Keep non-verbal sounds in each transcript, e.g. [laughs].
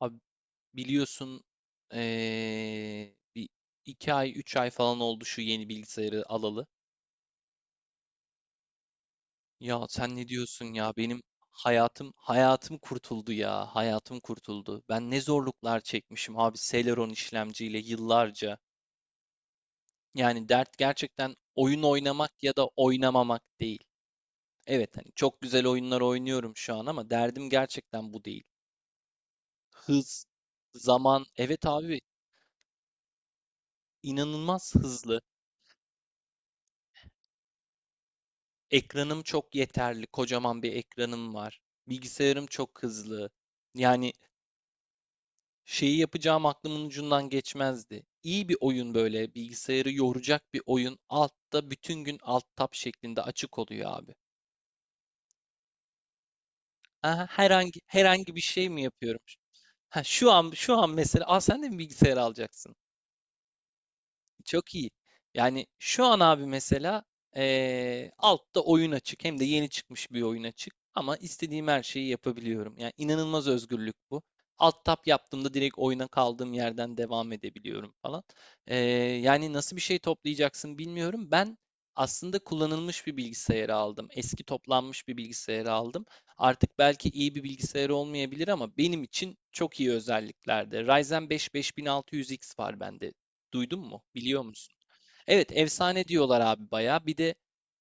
Abi biliyorsun bir iki ay üç ay falan oldu şu yeni bilgisayarı alalı. Ya sen ne diyorsun ya benim hayatım kurtuldu ya hayatım kurtuldu. Ben ne zorluklar çekmişim abi Celeron işlemciyle yıllarca. Yani dert gerçekten oyun oynamak ya da oynamamak değil. Evet hani çok güzel oyunlar oynuyorum şu an ama derdim gerçekten bu değil. Hız, zaman evet abi inanılmaz hızlı. Ekranım çok yeterli, kocaman bir ekranım var. Bilgisayarım çok hızlı. Yani şeyi yapacağım aklımın ucundan geçmezdi. İyi bir oyun böyle, bilgisayarı yoracak bir oyun altta bütün gün alt tab şeklinde açık oluyor abi. Aha, herhangi bir şey mi yapıyorum? Ha, şu an mesela, aa sen de mi bilgisayar alacaksın? Çok iyi. Yani şu an abi mesela altta oyun açık. Hem de yeni çıkmış bir oyun açık. Ama istediğim her şeyi yapabiliyorum. Yani inanılmaz özgürlük bu. Alt tab yaptığımda direkt oyuna kaldığım yerden devam edebiliyorum falan. Eee, yani nasıl bir şey toplayacaksın bilmiyorum. Ben aslında kullanılmış bir bilgisayarı aldım. Eski toplanmış bir bilgisayarı aldım. Artık belki iyi bir bilgisayar olmayabilir ama benim için çok iyi özelliklerde. Ryzen 5 5600X var bende. Duydun mu? Biliyor musun? Evet, efsane diyorlar abi bayağı. Bir de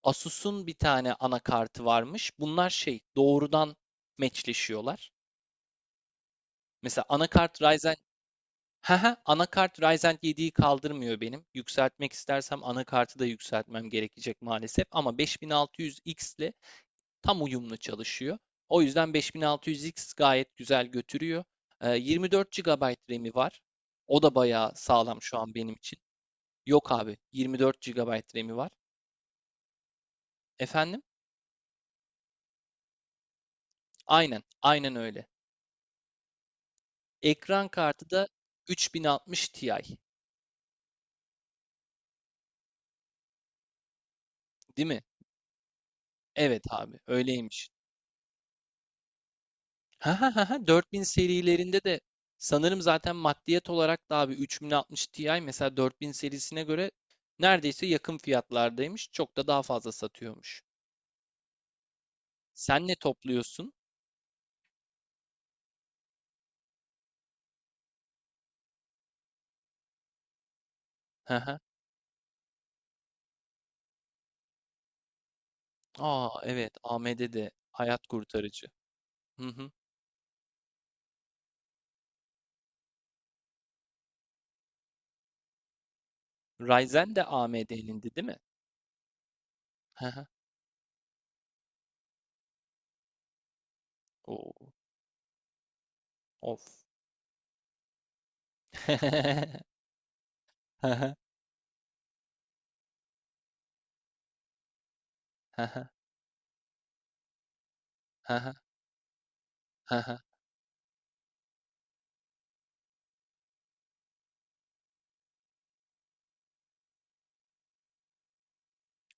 Asus'un bir tane anakartı varmış. Bunlar şey, doğrudan meçleşiyorlar. Mesela anakart Ryzen. Haha, anakart Ryzen 7'yi kaldırmıyor benim. Yükseltmek istersem anakartı da yükseltmem gerekecek maalesef. Ama 5600X ile tam uyumlu çalışıyor. O yüzden 5600X gayet güzel götürüyor. 24 GB RAM'i var. O da bayağı sağlam şu an benim için. Yok abi. 24 gigabayt RAM'i var. Efendim? Aynen. Aynen öyle. Ekran kartı da 3060 Ti. Değil mi? Evet abi. Öyleymiş. Ha ha ha ha. 4000 serilerinde de sanırım zaten maddiyet olarak da abi 3060 Ti mesela 4000 serisine göre neredeyse yakın fiyatlardaymış. Çok da daha fazla satıyormuş. Sen ne topluyorsun? Hı hı. Aa evet AMD'de hayat kurtarıcı. Hı hı. Ryzen de AMD'nindi değil mi? Hı hı. Oo. Of. [laughs]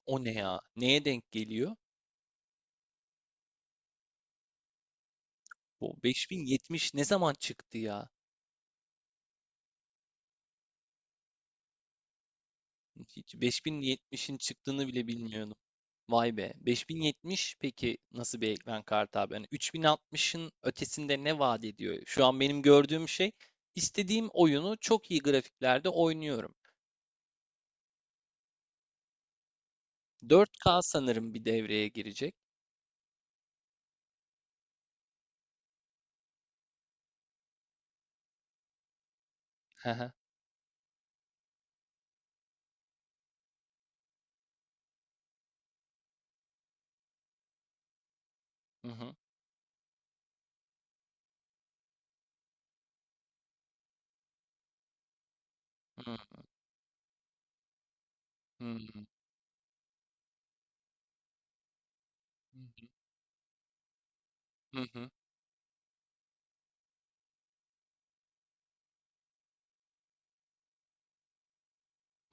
O ne ya? Neye denk geliyor? Bu 5070 ne zaman çıktı ya? Hiç 5070'in çıktığını bile bilmiyordum. Vay be. 5070 peki nasıl bir ekran kartı abi? Hani 3060'ın ötesinde ne vaat ediyor? Şu an benim gördüğüm şey istediğim oyunu çok iyi grafiklerde oynuyorum. 4K sanırım bir devreye girecek. [laughs] Hı hı. Hı hı. Hı hı. Hı hı. Hı hı.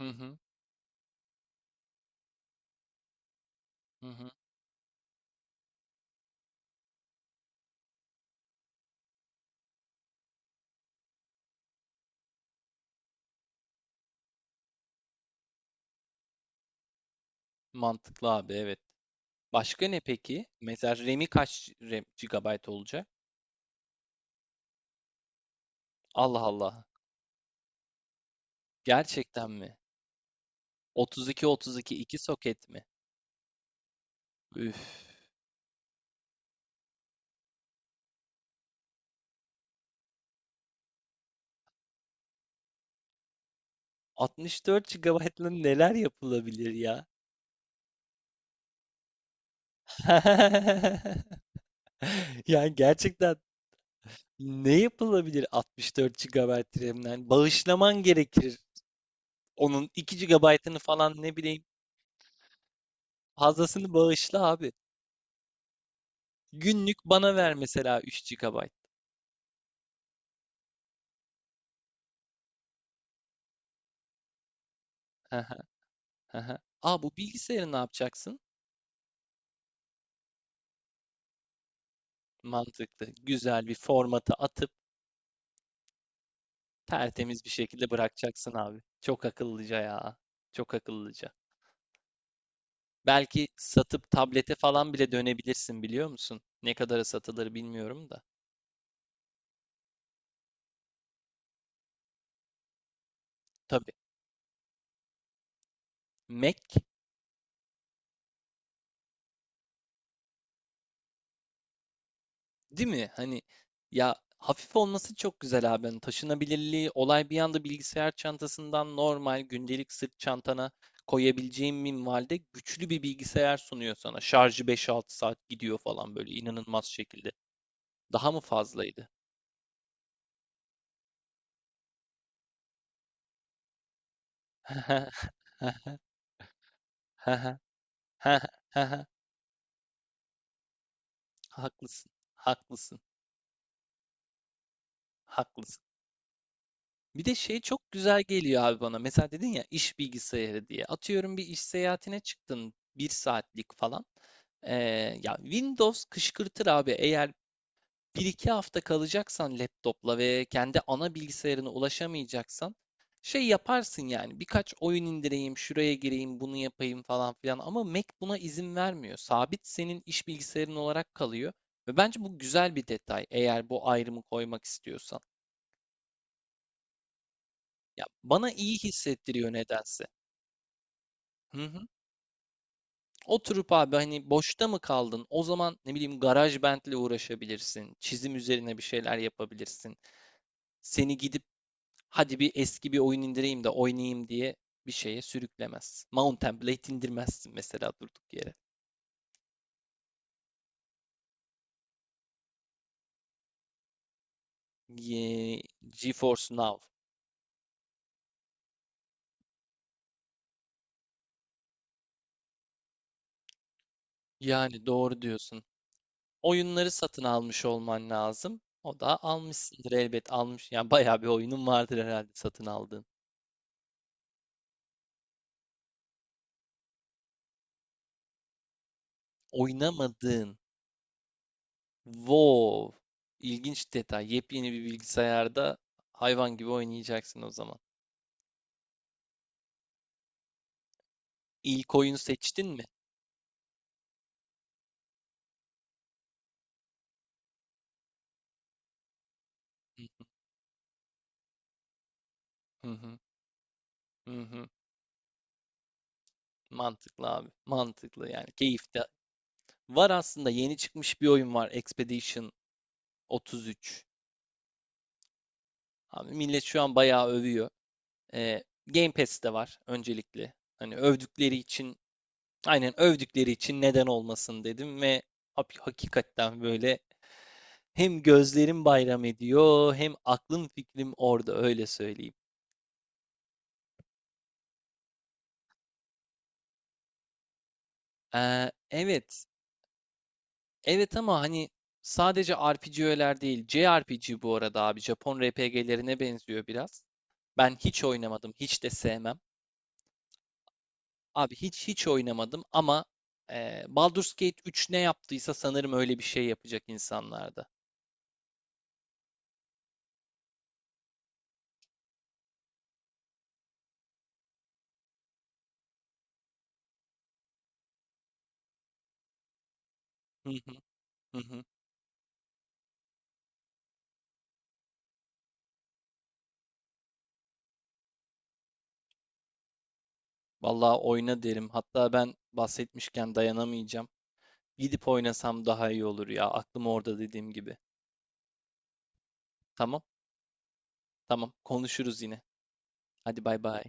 Hı hı. Hı hı. Mantıklı abi evet. Başka ne peki? Mesela RAM'i kaç RAM, GB olacak? Allah Allah. Gerçekten mi? 32 32 iki iki soket mi? Üf. 64 GB'la neler yapılabilir ya? [laughs] Yani gerçekten ne yapılabilir 64 GB RAM'den? Bağışlaman gerekir. Onun 2 GB'ını falan ne bileyim fazlasını bağışla abi. Günlük bana ver mesela 3 GB. Hı hı. A, bu bilgisayarı ne yapacaksın? Mantıklı. Güzel bir formata atıp tertemiz bir şekilde bırakacaksın abi. Çok akıllıca ya. Çok akıllıca. Belki satıp tablete falan bile dönebilirsin biliyor musun? Ne kadara satılır bilmiyorum da. Tabii. Mac. Değil mi? Hani ya hafif olması çok güzel abi. Hani taşınabilirliği, olay bir anda bilgisayar çantasından normal gündelik sırt çantana koyabileceğin minvalde güçlü bir bilgisayar sunuyor sana. Şarjı beş altı saat gidiyor falan böyle inanılmaz şekilde. Daha mı fazlaydı? [laughs] Haklısın, haklısın, haklısın. Bir de şey çok güzel geliyor abi bana. Mesela dedin ya iş bilgisayarı diye. Atıyorum bir iş seyahatine çıktın bir saatlik falan. Ee, ya Windows kışkırtır abi. Eğer bir iki hafta kalacaksan laptopla ve kendi ana bilgisayarına ulaşamayacaksan şey yaparsın yani. Birkaç oyun indireyim, şuraya gireyim, bunu yapayım falan filan. Ama Mac buna izin vermiyor. Sabit senin iş bilgisayarın olarak kalıyor. Ve bence bu güzel bir detay eğer bu ayrımı koymak istiyorsan. Ya bana iyi hissettiriyor nedense. Hı hı. Oturup abi hani boşta mı kaldın? O zaman ne bileyim GarageBand'le uğraşabilirsin. Çizim üzerine bir şeyler yapabilirsin. Seni gidip hadi bir eski bir oyun indireyim de oynayayım diye bir şeye sürüklemez. Mountain Blade indirmezsin mesela durduk yere. Ye- GeForce Now. Yani doğru diyorsun. Oyunları satın almış olman lazım. O da almışsındır elbet almış. Yani bayağı bir oyunun vardır herhalde satın aldığın. Oynamadığın. Wow. İlginç detay. Yepyeni bir bilgisayarda hayvan gibi oynayacaksın o zaman. İlk oyunu seçtin mi? Hı hı. Hı hı. Mantıklı abi. Mantıklı yani. Keyifte. Var aslında yeni çıkmış bir oyun var. Expedition 33. Abi millet şu an bayağı övüyor. Game Pass'te var öncelikle. Hani övdükleri için aynen övdükleri için neden olmasın dedim ve hakikaten böyle. Hem gözlerim bayram ediyor, hem aklım fikrim orada öyle söyleyeyim. Evet. Evet ama hani sadece RPG'ler değil, JRPG bu arada abi. Japon RPG'lerine benziyor biraz. Ben hiç oynamadım, hiç de sevmem. Abi hiç hiç oynamadım ama Baldur's Gate 3 ne yaptıysa sanırım öyle bir şey yapacak insanlarda. Hı hı hı hı. Vallahi oyna derim. Hatta ben bahsetmişken dayanamayacağım. Gidip oynasam daha iyi olur ya. Aklım orada dediğim gibi. Tamam. Tamam, konuşuruz yine. Hadi bay bay.